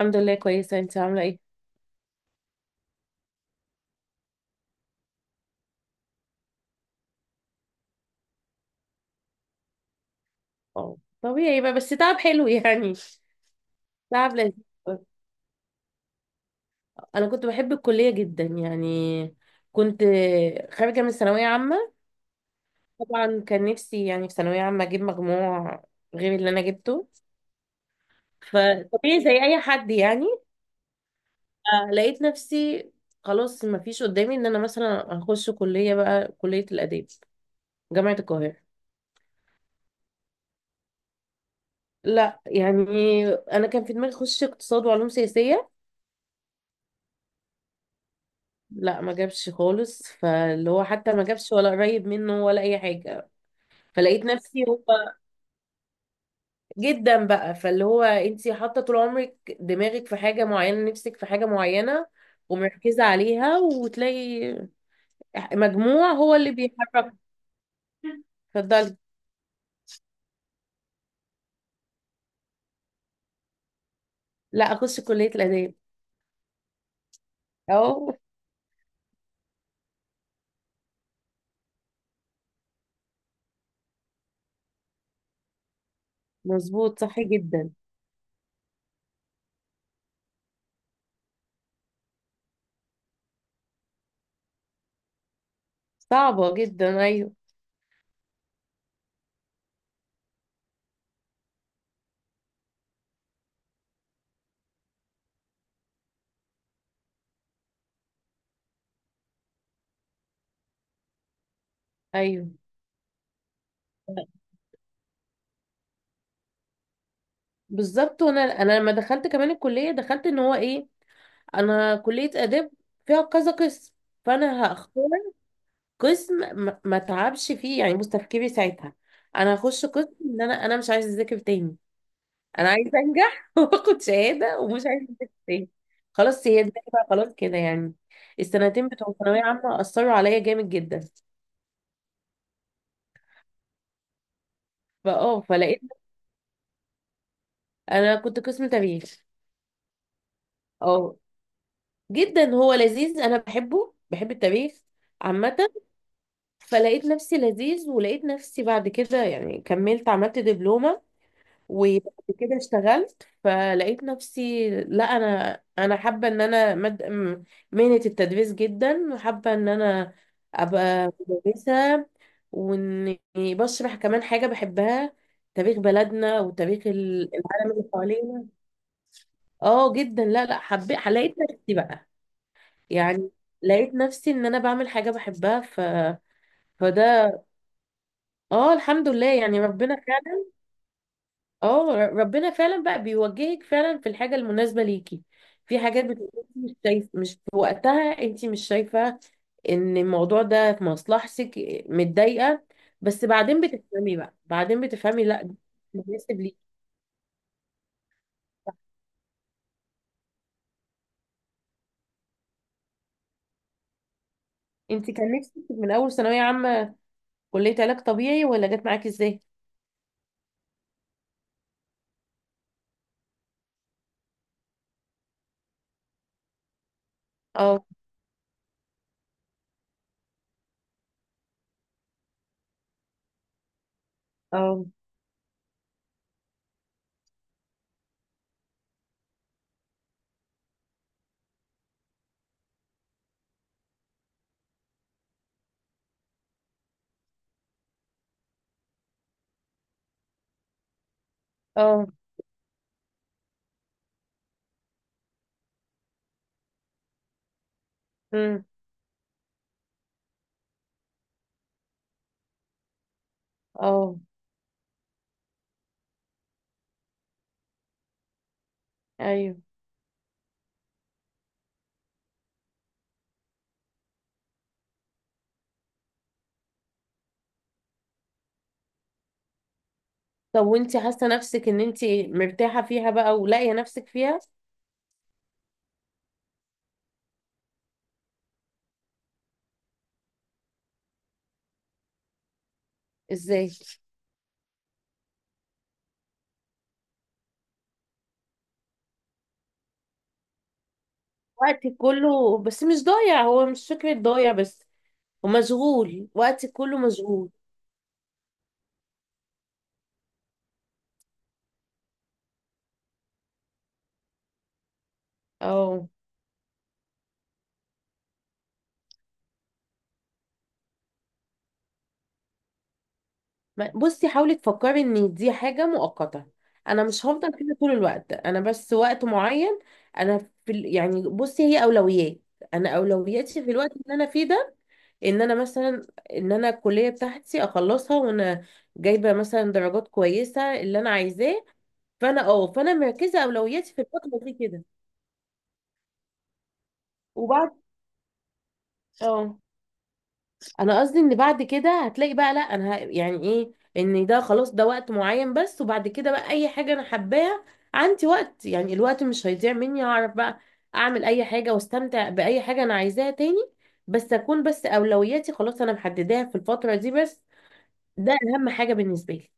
الحمد لله، كويسة. انت عاملة ايه؟ اه، طبيعي بقى، بس تعب حلو يعني. تعب لذيذ. انا كنت بحب الكلية جدا يعني. كنت خارجة من ثانوية عامة. طبعا كان نفسي يعني في ثانوية عامة اجيب مجموع غير اللي انا جبته. فطبيعي زي اي حد يعني. لقيت نفسي خلاص ما فيش قدامي ان انا مثلا اخش كلية بقى، كلية الآداب، جامعة القاهرة. لا يعني، انا كان في دماغي اخش اقتصاد وعلوم سياسية. لا، ما جابش خالص، فاللي هو حتى ما جابش ولا قريب منه ولا اي حاجه. فلقيت نفسي، هو جدا بقى، فاللي هو انت حاطه طول عمرك دماغك في حاجه معينه، نفسك في حاجه معينه، ومركزه عليها، وتلاقي مجموع هو اللي بيحرك. اتفضلي. لا، اخش كليه الاداب. اهو. مظبوط، صح جدا. صعبه جدا، ايوه. ايوه، بالظبط. وانا لما دخلت كمان الكليه، دخلت ان هو ايه، انا كلية اداب فيها كذا قسم، فانا هختار قسم ما اتعبش فيه يعني. بص تفكيري ساعتها: انا هخش قسم ان انا مش عايزه اذاكر تاني. انا عايزه انجح واخد شهاده ومش عايزه اذاكر تاني. خلاص، هي دماغي بقى خلاص كده يعني. السنتين بتوع ثانويه عامه اثروا عليا جامد جدا. فلقيت. انا كنت قسم تاريخ. اه، جدا هو لذيذ. انا بحبه، بحب التاريخ عامه. فلقيت نفسي لذيذ، ولقيت نفسي بعد كده يعني كملت، عملت دبلومة، وبعد كده اشتغلت. فلقيت نفسي لا، انا حابة ان انا مهنة التدريس جدا، وحابة ان انا ابقى مدرسة، واني بشرح كمان حاجة بحبها، تاريخ بلدنا وتاريخ العالم اللي حوالينا. اه، جدا. لا لا، حبيت، لقيت نفسي بقى يعني. لقيت نفسي ان انا بعمل حاجة بحبها. فده. اه، الحمد لله يعني. ربنا فعلا، ربنا فعلا بقى بيوجهك فعلا في الحاجة المناسبة ليكي. في حاجات بتبقي انتي مش شايف مش في وقتها، انت مش شايفة ان الموضوع ده في مصلحتك، متضايقة، بس بعدين بتفهمي بقى، بعدين بتفهمي لا ده مش مناسب ليكي. انت كان نفسك من اول ثانوية عامة كلية علاج طبيعي، ولا جت معاكي ازاي؟ اه، اه، اه، امم، اه، ايوه. طب وانت حاسة نفسك ان انت مرتاحة فيها بقى ولاقية نفسك فيها ازاي؟ وقتي كله، بس مش ضايع، هو مش فكرة ضايع، بس ومشغول، وقتي كله مشغول. اه. بصي حاولي تفكري ان دي حاجة مؤقتة. انا مش هفضل كده طول الوقت، انا بس وقت معين. انا يعني بصي هي اولويات. انا اولوياتي في الوقت اللي انا فيه ده ان انا مثلا ان انا الكلية بتاعتي اخلصها، وانا جايبة مثلا درجات كويسة اللي انا عايزاه. فانا مركزة اولوياتي في الفترة دي كده. وبعد، اه انا قصدي ان بعد كده هتلاقي بقى لا، انا يعني ايه، ان ده خلاص، ده وقت معين بس، وبعد كده بقى اي حاجه انا حباها عندي وقت يعني، الوقت مش هيضيع مني، هعرف بقى اعمل اي حاجه واستمتع باي حاجه انا عايزاها تاني، بس اكون بس اولوياتي خلاص انا محدداها في الفتره دي بس. ده اهم حاجه بالنسبه لي.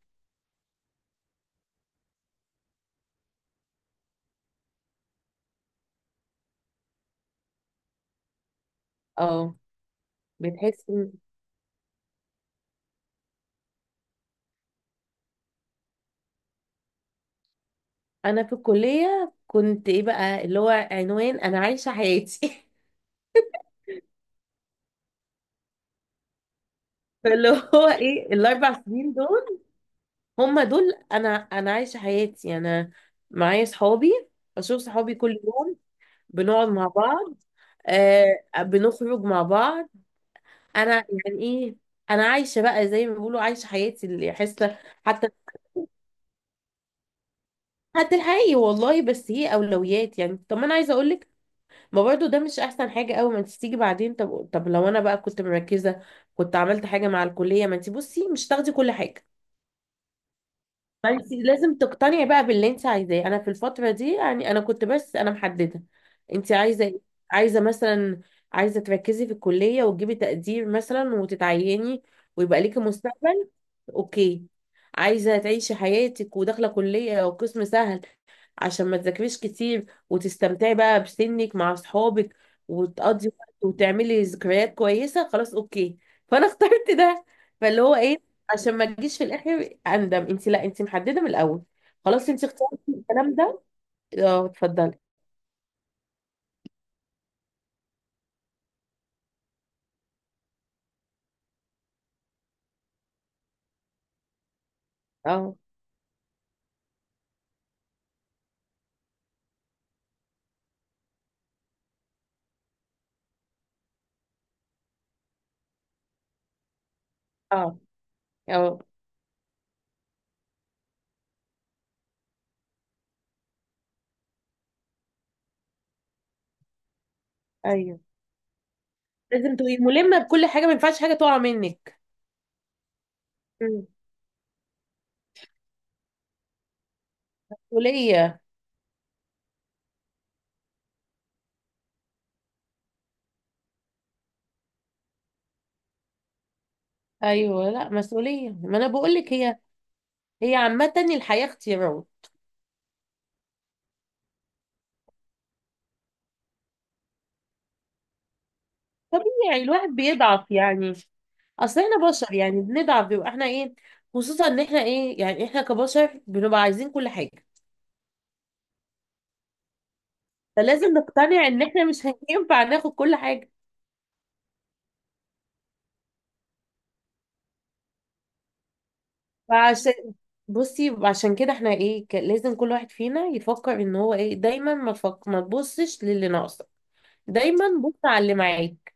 اه، بتحس ان انا في الكليه كنت ايه بقى اللي هو عنوان انا عايشه حياتي فاللي هو ايه، الاربع سنين دول هما دول انا عايشه حياتي، انا معايا صحابي، بشوف صحابي كل يوم، بنقعد مع بعض. آه، بنخرج مع بعض. انا يعني ايه، انا عايشه بقى زي ما بيقولوا عايشه حياتي، اللي حاسه. حتى الحقيقي والله، بس هي اولويات يعني. طب، ما انا عايزه اقول لك، ما برضو ده مش احسن حاجه قوي، ما انت تيجي بعدين. طب، لو انا بقى كنت مركزه كنت عملت حاجه مع الكليه. ما انت بصي مش تاخدي كل حاجه. فانت لازم تقتنعي بقى باللي انت عايزاه. انا في الفتره دي يعني انا كنت بس انا محدده: انت عايزه ايه؟ عايزه مثلا، عايزه تركزي في الكليه وتجيبي تقدير مثلا وتتعيني ويبقى ليكي مستقبل. اوكي. عايزه تعيشي حياتك وداخله كليه وقسم سهل عشان ما تذاكريش كتير، وتستمتعي بقى بسنك مع اصحابك، وتقضي وقت وتعملي ذكريات كويسه. خلاص، اوكي. فانا اخترت ده. فاللي هو ايه، عشان ما تجيش في الاخر اندم، انت لا، انت محدده من الاول. خلاص، انت اخترتي الكلام ده. اه اتفضلي. اه، اه، اه، ايوه، لازم تبقي ملمه بكل حاجه، ما ينفعش حاجه تقع منك. مم. مسؤوليه. ايوه، لا مسؤوليه، ما انا بقول لك، هي عامه الحياه اختيارات. طبيعي الواحد بيضعف يعني. اصل احنا بشر يعني بنضعف، بيبقى احنا ايه، خصوصا ان احنا ايه يعني احنا كبشر بنبقى عايزين كل حاجه. فلازم نقتنع ان احنا مش هينفع ناخد كل حاجه. فعشان، بصي عشان كده احنا ايه، لازم كل واحد فينا يفكر ان هو ايه دايما. ما تبصش للي ناقصك، دايما بص على اللي معاك.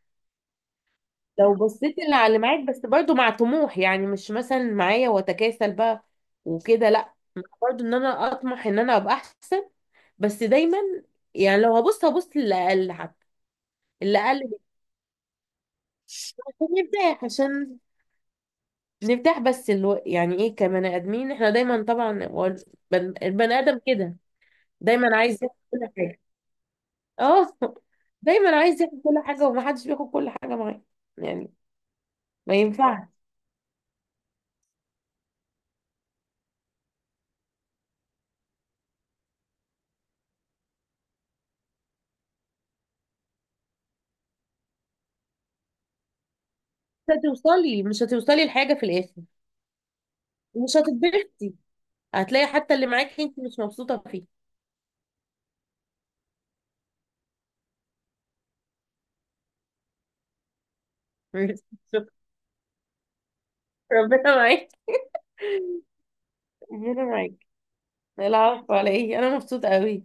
لو بصيت اللي على اللي معاك، بس برضو مع طموح، يعني مش مثلا معايا واتكاسل بقى وكده، لا، برضو ان انا اطمح ان انا ابقى احسن. بس دايما يعني لو هبص للي اقل حتى، اللي اقل عشان نرتاح بس يعني ايه، كبني ادمين احنا دايما. طبعا هو البني ادم كده دايما عايز ياخد كل حاجه. اه، دايما عايز ياخد كل حاجه، ومحدش بياخد كل حاجه معاه يعني. ما ينفعش. مش هتوصلي لحاجه في الاخر، ومش هتتبسطي. هتلاقي حتى اللي معاكي انت مش مبسوطه فيه. ربنا معاك. ربنا معاك. العفو على ايه، انا مبسوطه قوي.